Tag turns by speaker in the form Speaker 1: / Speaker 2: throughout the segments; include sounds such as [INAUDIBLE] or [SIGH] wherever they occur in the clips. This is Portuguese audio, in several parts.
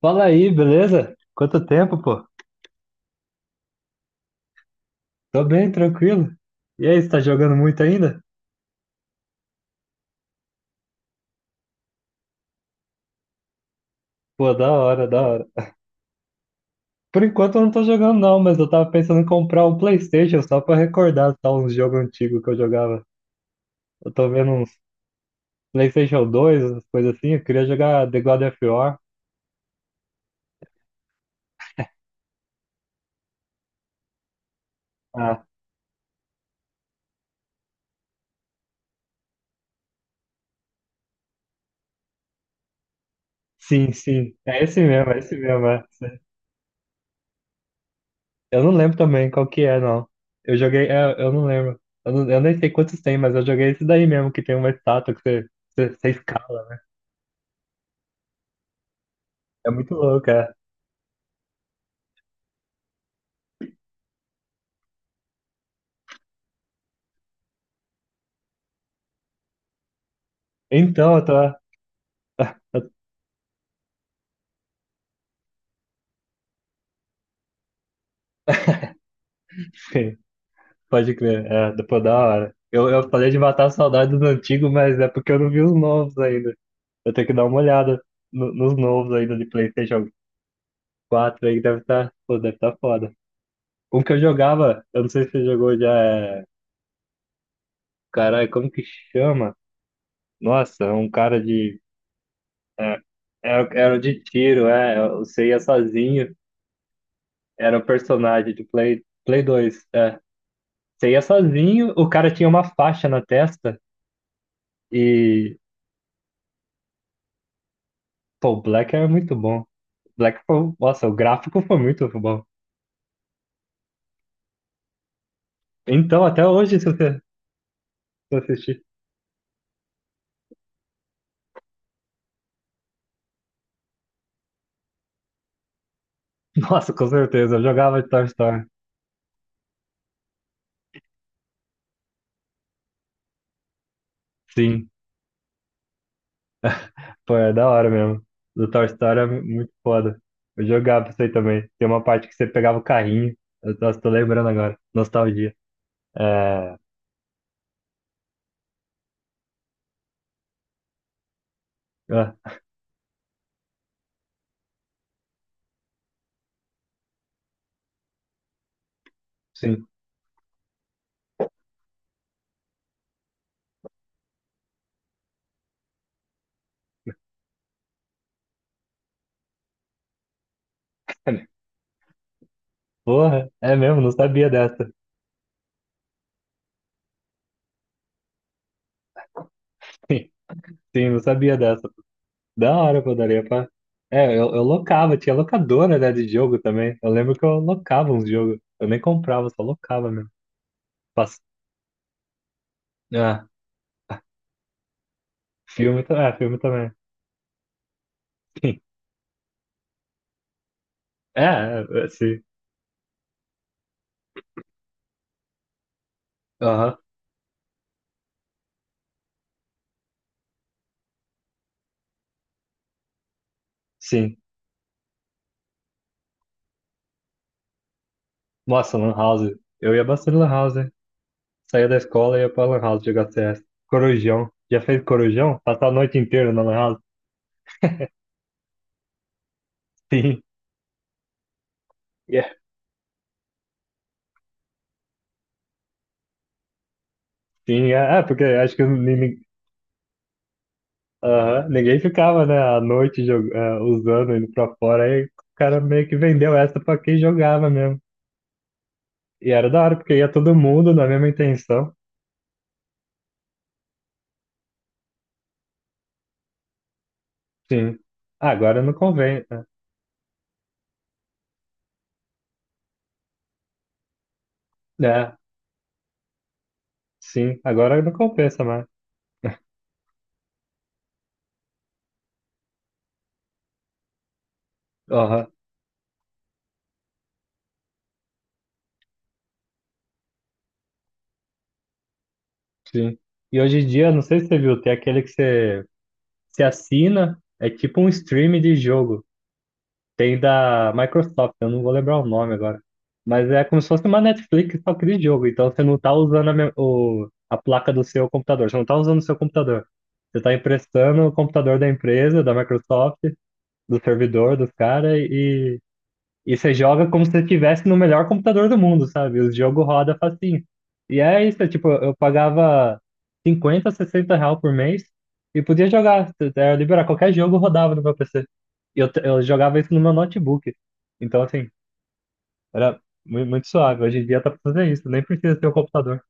Speaker 1: Fala aí, beleza? Quanto tempo, pô? Tô bem, tranquilo. E aí, você tá jogando muito ainda? Pô, da hora, da hora. Por enquanto eu não tô jogando não, mas eu tava pensando em comprar um PlayStation só pra recordar tá, uns jogos antigos que eu jogava. Eu tô vendo uns PlayStation 2, umas coisas assim. Eu queria jogar The God of War. Ah, sim, sim. É esse mesmo, é esse mesmo. É. Eu não lembro também qual que é, não. Eu joguei, é, eu não lembro. Eu nem sei quantos tem, mas eu joguei esse daí mesmo, que tem uma estátua que você, você escala. É muito louco, é. Então, tá. [LAUGHS] Pode crer. É, depois da hora. Eu falei de matar a saudade dos antigos, mas é porque eu não vi os novos ainda. Eu tenho que dar uma olhada nos novos ainda de PlayStation 4 aí, deve estar, pô, deve estar foda. Um que eu jogava, eu não sei se você jogou já, é... Caralho, como que chama? Nossa, é um cara de... É, era de tiro, é. Você ia sozinho. Era o personagem de Play 2 é. Você ia sozinho, o cara tinha uma faixa na testa e pô, o Black é muito bom. Black, nossa, o gráfico foi muito bom. Então, até hoje, se você se eu assistir. [LAUGHS] Nossa, com certeza, eu jogava de Toy Story. Sim, pô, é da hora mesmo. Do Toy Story é muito foda. Eu jogava isso aí também. Tem uma parte que você pegava o carrinho. Eu, nossa, tô lembrando agora. Nostalgia. É. Ah, sim. Porra, é mesmo, não sabia dessa. [LAUGHS] sim, não sabia dessa. Da hora, pô, daria pra. É, eu locava, tinha locadora, né, de jogo também. Eu lembro que eu locava uns jogos. Eu nem comprava, só locava mesmo. Pass... Ah, filme, é, filme também. [LAUGHS] É, é, é, sim. Aham, sim. Nossa, Lan House. Eu ia bastante Lan House, hein? Saía da escola e ia pra Lan House jogar CS. Corujão. Já fez corujão? Passar a noite inteira na Lan House? Sim. Yeah. Sim, porque acho que ninguém. Aham. Ninguém ficava, né, à noite usando, indo pra fora, aí o cara meio que vendeu essa pra quem jogava mesmo. E era da hora, porque ia todo mundo na mesma intenção. Sim. Ah, agora não convém. Né? É, sim, agora não compensa mais. Aham, sim. E hoje em dia, não sei se você viu, tem aquele que você, assina, é tipo um stream de jogo. Tem da Microsoft, eu não vou lembrar o nome agora. Mas é como se fosse uma Netflix só que de jogo. Então você não tá usando a placa do seu computador. Você não tá usando o seu computador. Você tá emprestando o computador da empresa, da Microsoft, do servidor dos caras e você joga como se você estivesse no melhor computador do mundo, sabe? O jogo roda facinho. E é isso, é tipo, eu pagava 50, 60 real por mês e podia jogar, era liberar qualquer jogo rodava no meu PC. E eu jogava isso no meu notebook. Então, assim, era muito suave. Hoje em dia tá pra fazer isso, nem precisa ter o computador.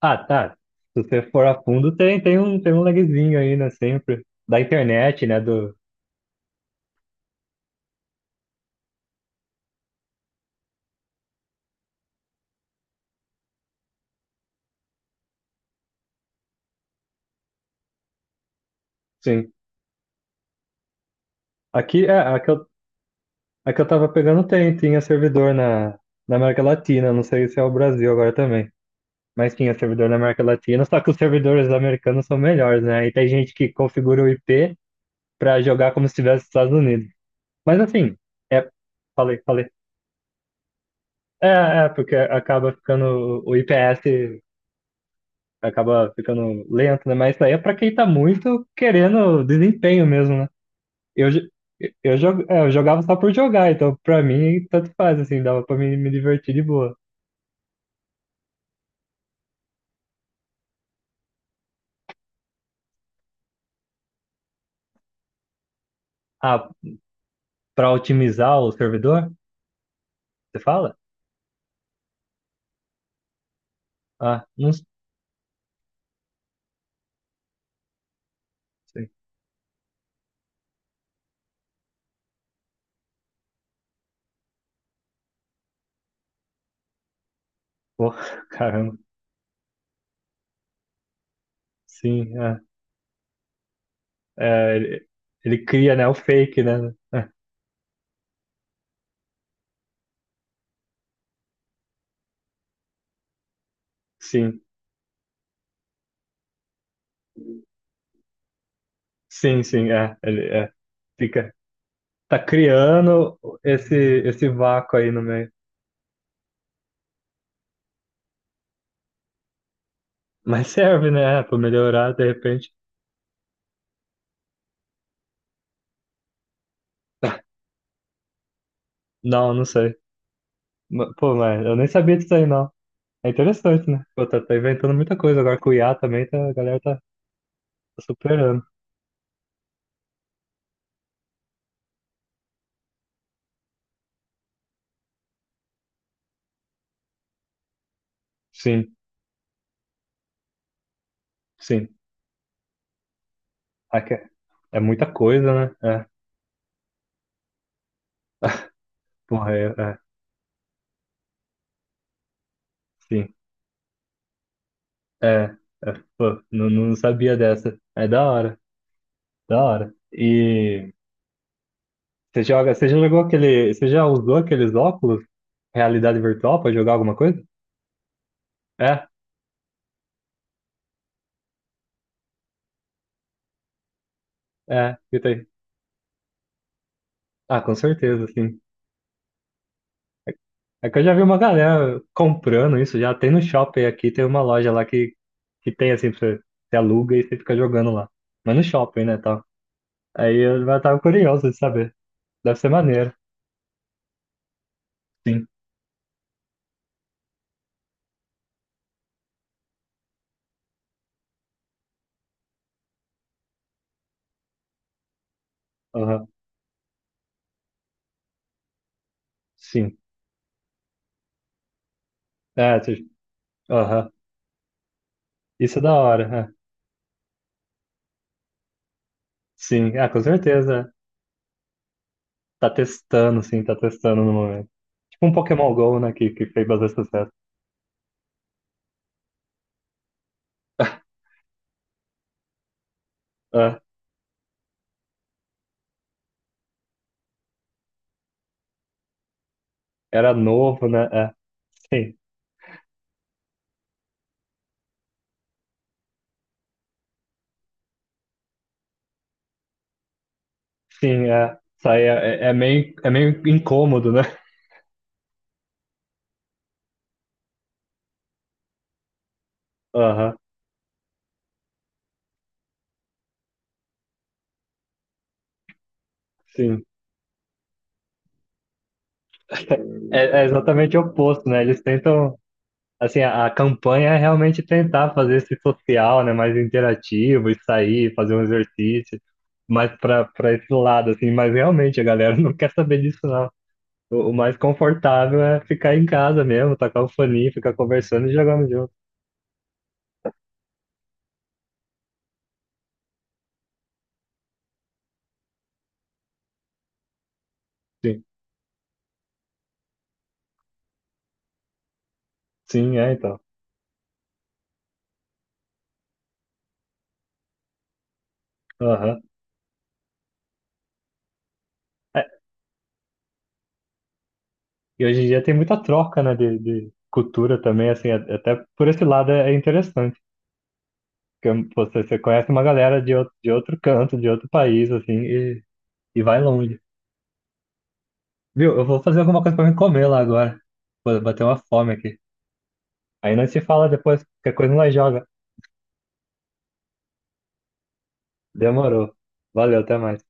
Speaker 1: Ah, tá. Se você for a fundo, tem um lagzinho aí, né? Sempre. Da internet, né? Sim. Aqui, a que eu tava pegando tem, tinha servidor na América Latina, não sei se é o Brasil agora também, mas tinha servidor na América Latina, só que os servidores americanos são melhores, né? E tem gente que configura o IP pra jogar como se estivesse nos Estados Unidos. Mas assim, é, falei, falei. É, é, porque acaba ficando, o IPS acaba ficando lento, né? Mas isso aí é pra quem tá muito querendo desempenho mesmo, né? Eu, jo- eu jogava só por jogar, então pra mim tanto faz, assim, dava pra me divertir de boa. Ah, para otimizar o servidor? Você fala? Ah, não sei. Pô, [LAUGHS] caramba. Sim, é. É, ele cria, né, o fake, né? É, sim, sim, sim, é. Fica, tá criando esse, esse vácuo aí no meio. Mas serve, né? É, pra melhorar, de repente. [LAUGHS] Não, não sei. Pô, mas eu nem sabia disso aí, não. É interessante, né? Pô, tá inventando muita coisa. Agora com o IA também, tá, a galera tá superando. Sim, sim. Ah, que é muita coisa, né? É. Porra, é, é, sim. É, é, pô, não sabia dessa. É da hora, da hora. E você joga, você já jogou aquele, você já usou aqueles óculos, realidade virtual, pra jogar alguma coisa? É, é, eu tenho. Ah, com certeza, sim. É, é que eu já vi uma galera comprando isso, já tem no shopping aqui, tem uma loja lá que tem assim, pra você, você aluga e você fica jogando lá. Mas no shopping, né, tal. Aí eu já tava curioso de saber. Deve ser maneiro. Sim. Aham, sim. É, aham. Isso é da hora, é. Sim, ah, com certeza. É. Tá testando, sim, tá testando no momento. Tipo um Pokémon Go, né, que fez bastante sucesso. É, era novo, né? É. Sim, sim, é. Isso é meio incômodo, né? Aham, sim. É, exatamente o oposto, né? Eles tentam, assim, a campanha é realmente tentar fazer esse social, né, mais interativo, e sair, fazer um exercício, mais para esse lado, assim, mas realmente a galera [LAUGHS] não quer saber disso. O mais confortável é ficar em casa mesmo, tacar o foninho, ficar conversando e jogando junto. Sim, sim, é então. Aham. É, e hoje em dia tem muita troca, né, de cultura também, assim, até por esse lado é, é interessante. Porque você, conhece uma galera de outro, canto, de outro país, assim, e, vai longe. Viu? Eu vou fazer alguma coisa pra me comer lá agora. Vou bater uma fome aqui. Aí nós se fala depois, qualquer coisa nós joga. Demorou. Valeu, até mais.